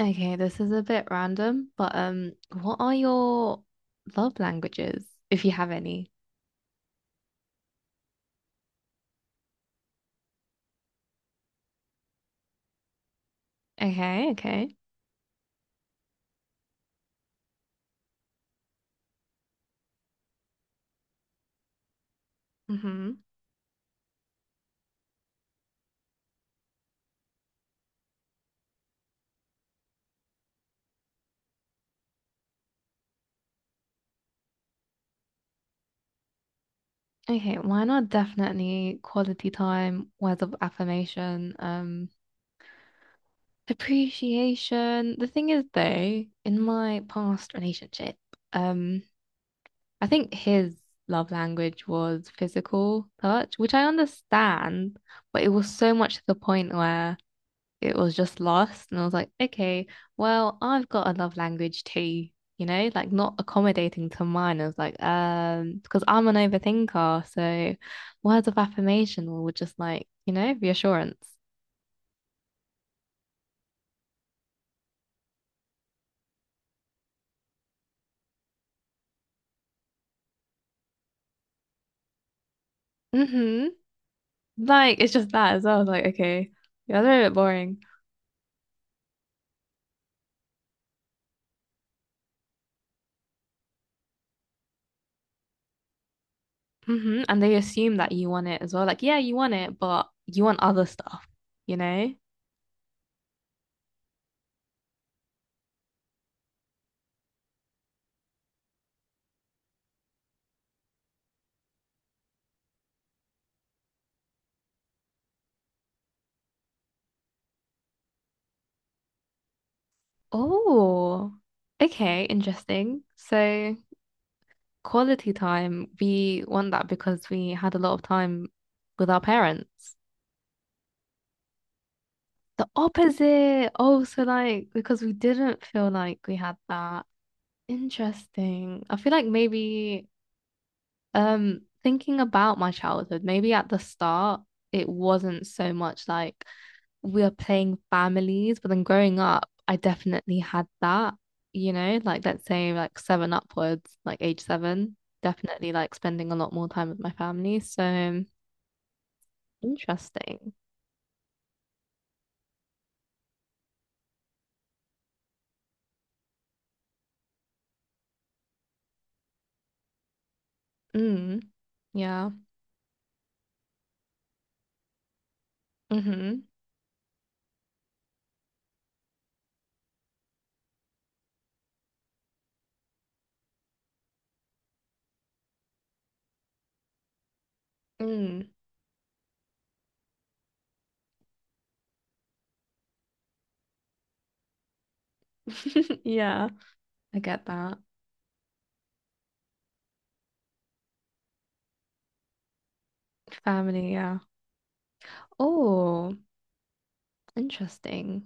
Okay, this is a bit random, but what are your love languages, if you have any? Okay, okay. Mm-hmm. Okay, mine are definitely quality time, words of affirmation, appreciation. The thing is though, in my past relationship, um, I think his love language was physical touch, which I understand, but it was so much to the point where it was just lost. And I was like, okay, well, I've got a love language too, you know, like not accommodating to mine. I was like, because I'm an overthinker. So words of affirmation were just like, you know, reassurance. Mm-hmm. Like it's just that as well. I was like, okay, yeah, they're a bit boring. Mm-hmm. And they assume that you want it as well. Like, yeah, you want it, but you want other stuff, you know? Oh, okay, interesting. So quality time, we want that because we had a lot of time with our parents. The opposite. Oh, so like because we didn't feel like we had that. Interesting. I feel like maybe thinking about my childhood, maybe at the start it wasn't so much like we are playing families, but then growing up, I definitely had that, you know, like let's say like seven upwards, like age seven, definitely like spending a lot more time with my family. So interesting. Mm, yeah. Mm-hmm. Mm. Yeah, I get that. Family, yeah. Oh, interesting.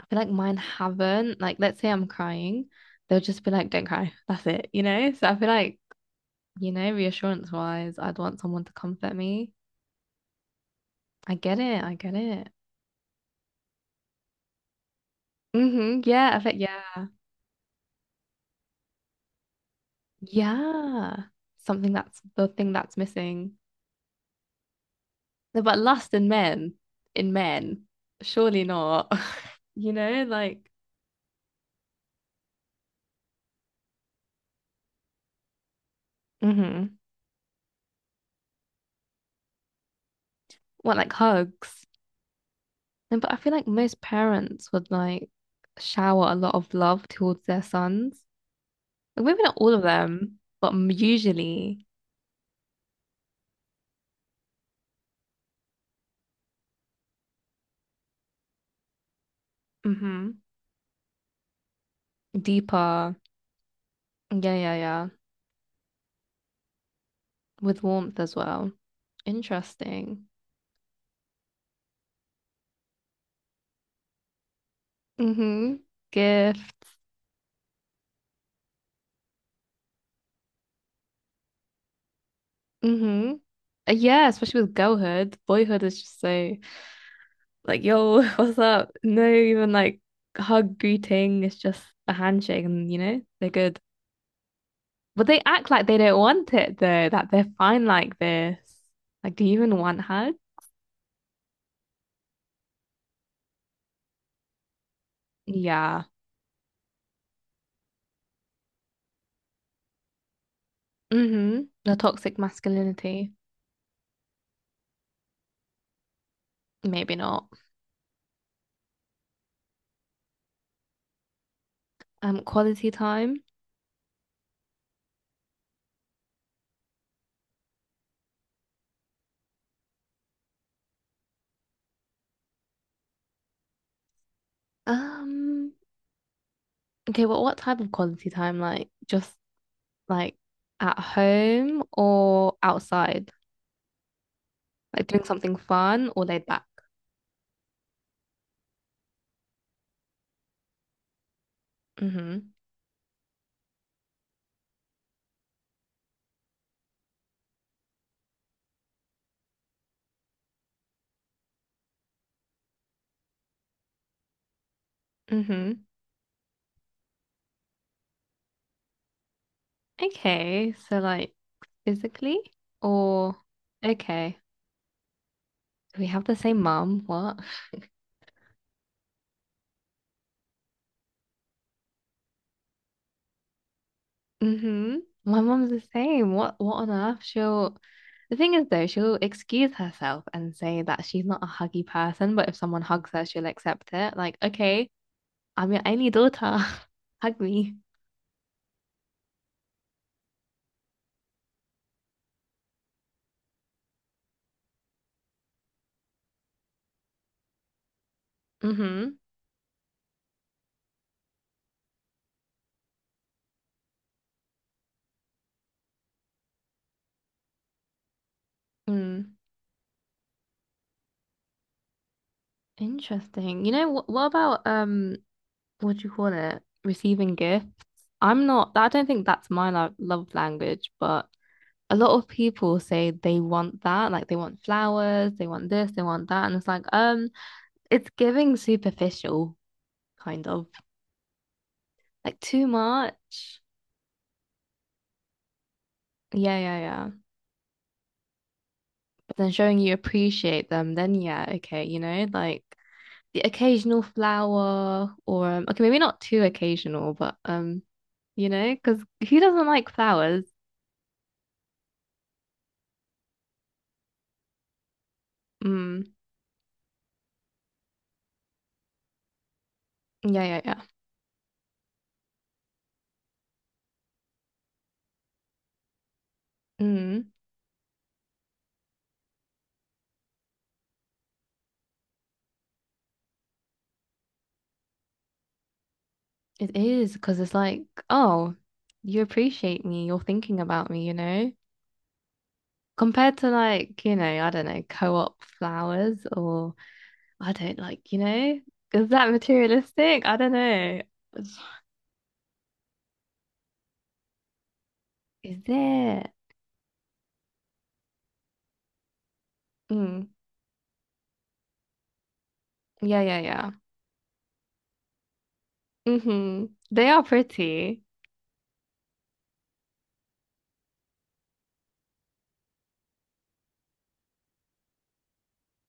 I feel like mine haven't. Like, let's say I'm crying, they'll just be like, don't cry. That's it, you know? So I feel like, you know, reassurance wise, I'd want someone to comfort me. I get it. I get it. Mm-hmm. Yeah, I feel yeah. Yeah. Something, that's the thing that's missing. No, but lust in men, surely not. You know, like, hmm, what, like hugs? No, but I feel like most parents would like shower a lot of love towards their sons. Like, maybe not all of them, but usually, hmm, deeper. Yeah, yeah, yeah. With warmth as well. Interesting. Mm-hmm. Gifts. Mm-hmm. Yeah, especially with girlhood. Boyhood is just so like, yo, what's up? No even like hug greeting. It's just a handshake and you know, they're good. But they act like they don't want it though, that they're fine like this. Like, do you even want hug? Yeah. Mm-hmm. The toxic masculinity. Maybe not. Quality time. Um, okay, well, what type of quality time? Like just like at home or outside? Like doing something fun or laid back? Mm-hmm. Mm-hmm. Okay, so like physically or okay. We have the same mum. What? Mm-hmm. My mum's the same. What on earth? She'll the thing is though, she'll excuse herself and say that she's not a huggy person, but if someone hugs her, she'll accept it. Like, okay, I'm your only daughter. Hug me. Mm-hmm. Mm. Interesting. You know what about what do you call it? Receiving gifts. I don't think that's my love language, but a lot of people say they want that, like they want flowers, they want this, they want that, and it's like, it's giving superficial, kind of, like too much. Yeah, yeah, yeah. But then showing you appreciate them, then yeah, okay, you know, like the occasional flower, or okay, maybe not too occasional, but you know, because who doesn't like flowers? Mm, yeah, yeah, yeah. Mm, it is because it's like, oh, you appreciate me, you're thinking about me, you know, compared to like, you know, I don't know, co-op flowers or I don't like, you know, is that materialistic? I don't know. Is it? Mm. Yeah, yeah, yeah. Mm-hmm. They are pretty.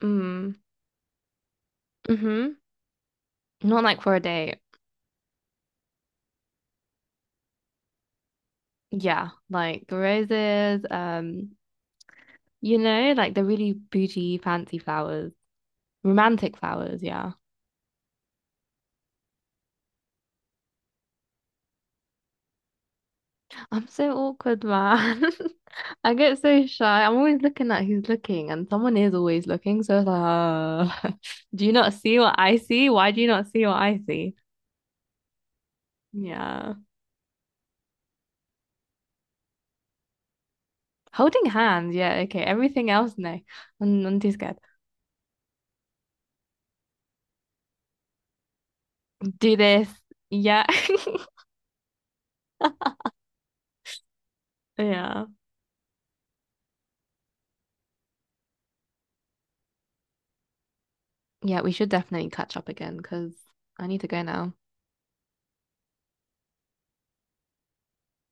Mm. Mm-hmm. Not like for a date. Yeah, like roses, you know, like the really bougie, fancy flowers, romantic flowers, yeah. I'm so awkward, man. I get so shy. I'm always looking at who's looking, and someone is always looking. So it's like, do you not see what I see? Why do you not see what I see? Yeah. Holding hands. Yeah. Okay. Everything else, no. I'm too scared. Do this. Yeah. Yeah. Yeah. We should definitely catch up again because I need to go now.